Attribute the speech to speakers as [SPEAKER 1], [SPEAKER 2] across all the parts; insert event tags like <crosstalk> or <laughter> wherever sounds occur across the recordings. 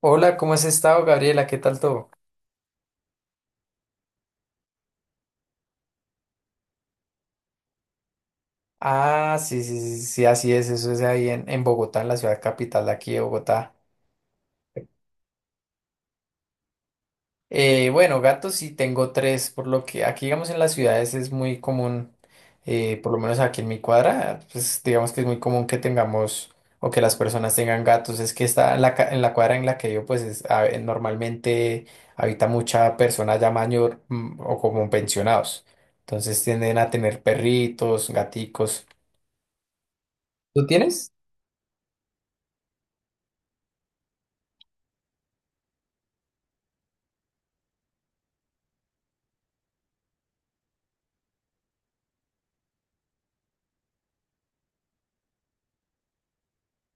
[SPEAKER 1] Hola, ¿cómo has estado, Gabriela? ¿Qué tal todo? Ah, sí, sí, sí, sí, así es, eso es ahí en Bogotá, en la ciudad capital de aquí de Bogotá. Bueno, gatos sí tengo tres, por lo que aquí, digamos, en las ciudades es muy común, por lo menos aquí en mi cuadra, pues digamos que es muy común que tengamos o que las personas tengan gatos. Es que está en la cuadra en la que yo, pues normalmente habita mucha persona ya mayor o como pensionados. Entonces tienden a tener perritos, gaticos. ¿Tú tienes?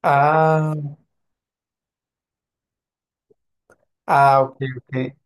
[SPEAKER 1] Ah, ah, ok, ok.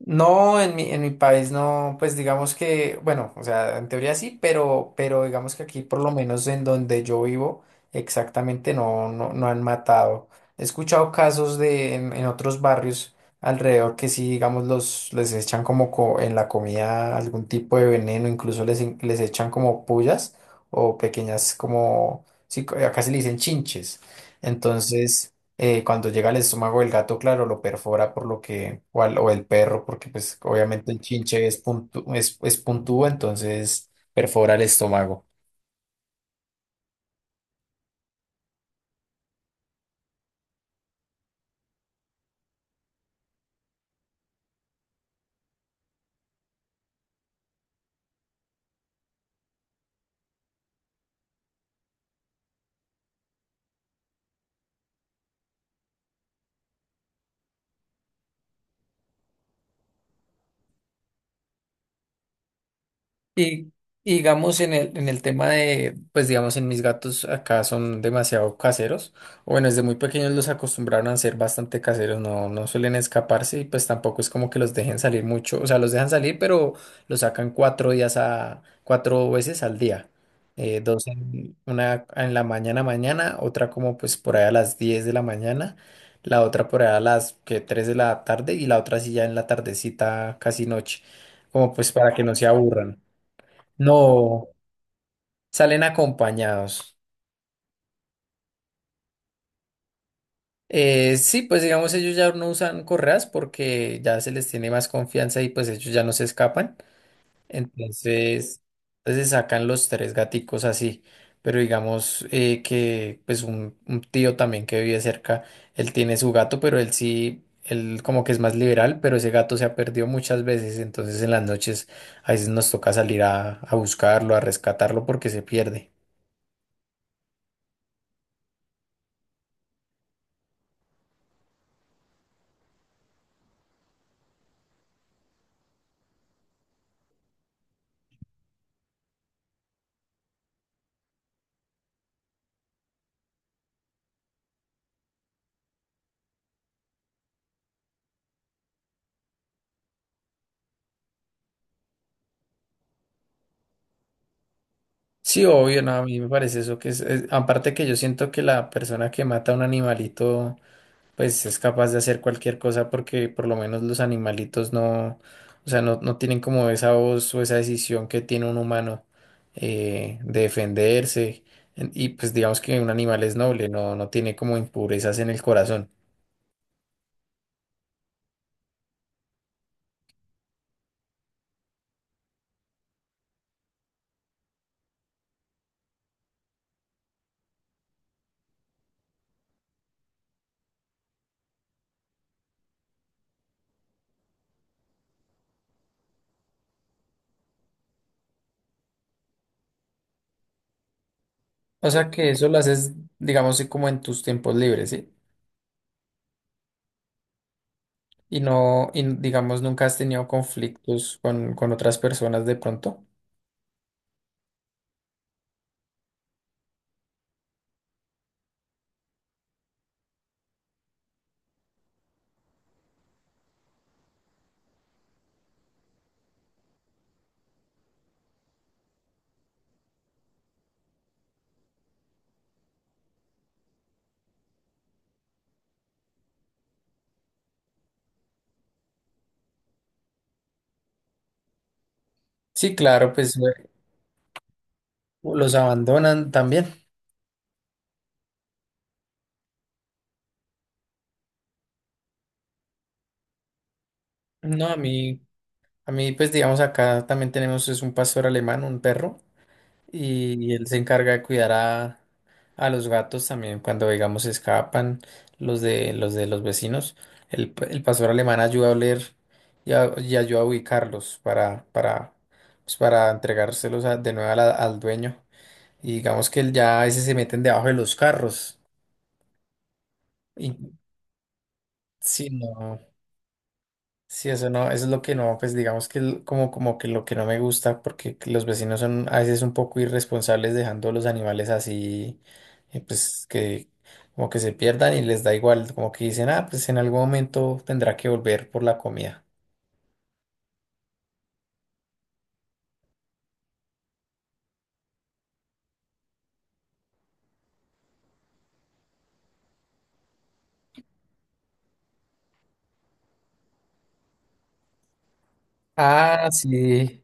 [SPEAKER 1] No, en mi país no, pues digamos que, bueno, o sea, en teoría sí, pero digamos que aquí por lo menos en donde yo vivo, exactamente no, no, no han matado. He escuchado casos en otros barrios alrededor que sí, digamos, les echan en la comida algún tipo de veneno, incluso les echan como pullas o pequeñas como, sí, acá se le dicen chinches. Entonces. Cuando llega al estómago del gato, claro, lo perfora por lo que, o el perro, porque pues obviamente el chinche es puntúo, entonces perfora el estómago. Y y digamos en el tema de, pues digamos en mis gatos acá son demasiado caseros, o bueno, desde muy pequeños los acostumbraron a ser bastante caseros, no, no suelen escaparse y pues tampoco es como que los dejen salir mucho, o sea, los dejan salir, pero los sacan 4 veces al día, una en la mañana mañana, otra como pues por ahí a las 10 de la mañana, la otra por ahí a las que 3 de la tarde y la otra sí ya en la tardecita casi noche, como pues para que no se aburran. No, salen acompañados. Sí, pues digamos ellos ya no usan correas porque ya se les tiene más confianza y pues ellos ya no se escapan. Entonces, entonces sacan los tres gaticos así. Pero digamos que pues un tío también que vive cerca, él tiene su gato, pero él sí, él como que es más liberal, pero ese gato se ha perdido muchas veces. Entonces en las noches a veces nos toca salir a buscarlo, a rescatarlo porque se pierde. Sí, obvio, no, a mí me parece eso que aparte que yo siento que la persona que mata a un animalito, pues es capaz de hacer cualquier cosa porque por lo menos los animalitos no, o sea, no, no tienen como esa voz o esa decisión que tiene un humano de defenderse. Y pues digamos que un animal es noble, no, no tiene como impurezas en el corazón. O sea que eso lo haces, digamos, sí, como en tus tiempos libres, ¿sí? Y no, y digamos, nunca has tenido conflictos con otras personas de pronto. Sí, claro, pues los abandonan también. No, a mí, pues digamos acá también tenemos es un pastor alemán, un perro, y, él se encarga de cuidar a los gatos también cuando digamos se escapan los de los vecinos. El pastor alemán ayuda a oler y, y ayuda a ubicarlos para pues, para entregárselos de nuevo a al dueño. Y digamos que él ya a veces se meten debajo de los carros. Y sí, no. Sí, eso no, eso es lo que no, pues digamos que como, como que lo que no me gusta, porque que los vecinos son a veces un poco irresponsables dejando los animales así, pues que como que se pierdan y les da igual, como que dicen, ah, pues en algún momento tendrá que volver por la comida. Ah, sí.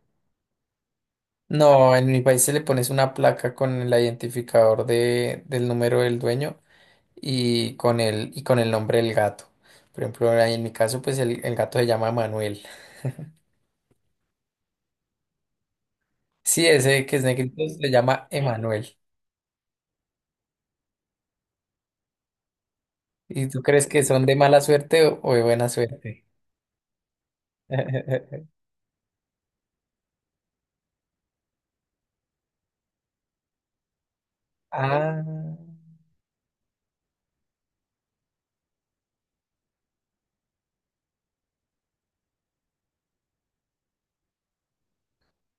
[SPEAKER 1] No, en mi país se le pones una placa con el identificador del número del dueño y con el nombre del gato. Por ejemplo, ahí en mi caso, pues el gato se llama Manuel. Sí, ese que es negrito se llama Emanuel. ¿Y tú crees que son de mala suerte o de buena suerte? <laughs> Ah,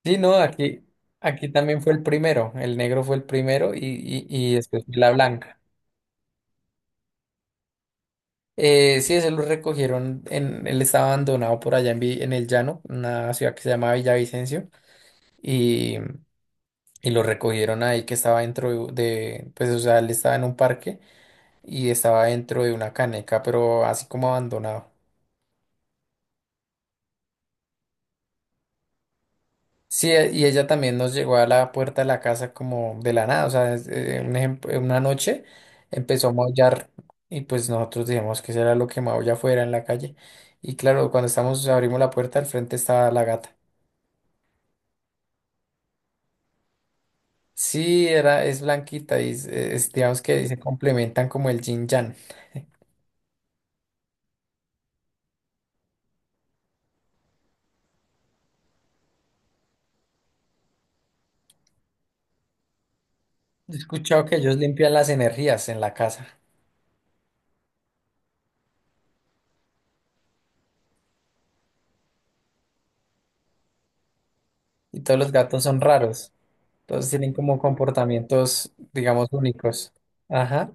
[SPEAKER 1] sí, no, aquí también fue el primero, el negro fue el primero y después fue la blanca. Sí, ese lo recogieron, él estaba abandonado por allá en el llano, una ciudad que se llama Villavicencio, y, y lo recogieron ahí que estaba dentro pues o sea, él estaba en un parque y estaba dentro de una caneca, pero así como abandonado. Sí, y ella también nos llegó a la puerta de la casa como de la nada, o sea, un ejemplo, una noche empezó a maullar y pues nosotros dijimos que será lo que maulla fuera en la calle. Y claro, cuando estamos, abrimos la puerta, al frente estaba la gata. Sí, era, es blanquita y digamos que se complementan como el yin yang. He escuchado que ellos limpian las energías en la casa y todos los gatos son raros, todos tienen como comportamientos, digamos, únicos. Ajá.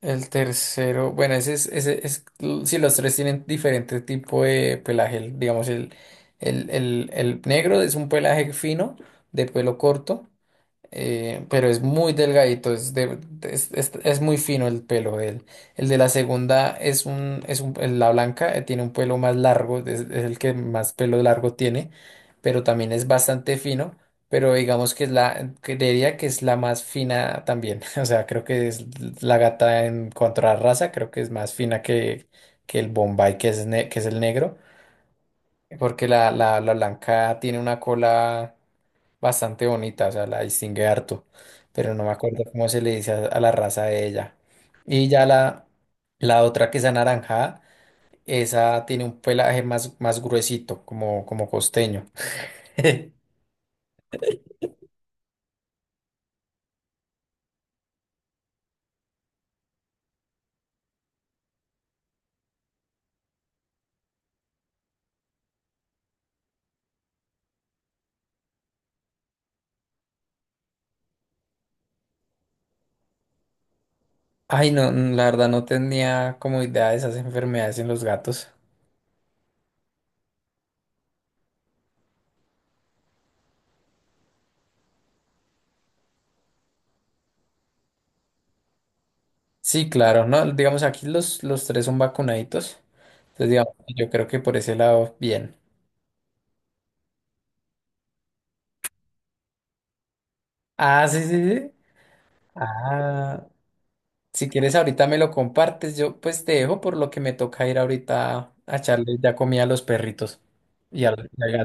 [SPEAKER 1] El tercero, bueno, ese es, si los tres tienen diferente tipo de pelaje, digamos, el negro es un pelaje fino, de pelo corto, pero es muy delgadito, es muy fino el pelo de él. El de la segunda la blanca tiene un pelo más largo, es el que más pelo largo tiene, pero también es bastante fino, pero digamos que creería que es la más fina también, <laughs> o sea, creo que es la gata en cuanto a raza, creo que es más fina que el Bombay, que es el negro porque la blanca tiene una cola bastante bonita, o sea, la distingue harto, pero no me acuerdo cómo se le dice a la raza de ella. Y ya la otra que es anaranjada, esa tiene un pelaje más gruesito, como costeño. <laughs> Ay, no, la verdad no tenía como idea de esas enfermedades en los gatos. Sí, claro, no, digamos aquí los tres son vacunaditos. Entonces, digamos, yo creo que por ese lado, bien. Ah, sí, sí, sí. Ah, si quieres, ahorita me lo compartes. Yo pues te dejo por lo que me toca ir ahorita a echarle ya comida a los perritos y al gato.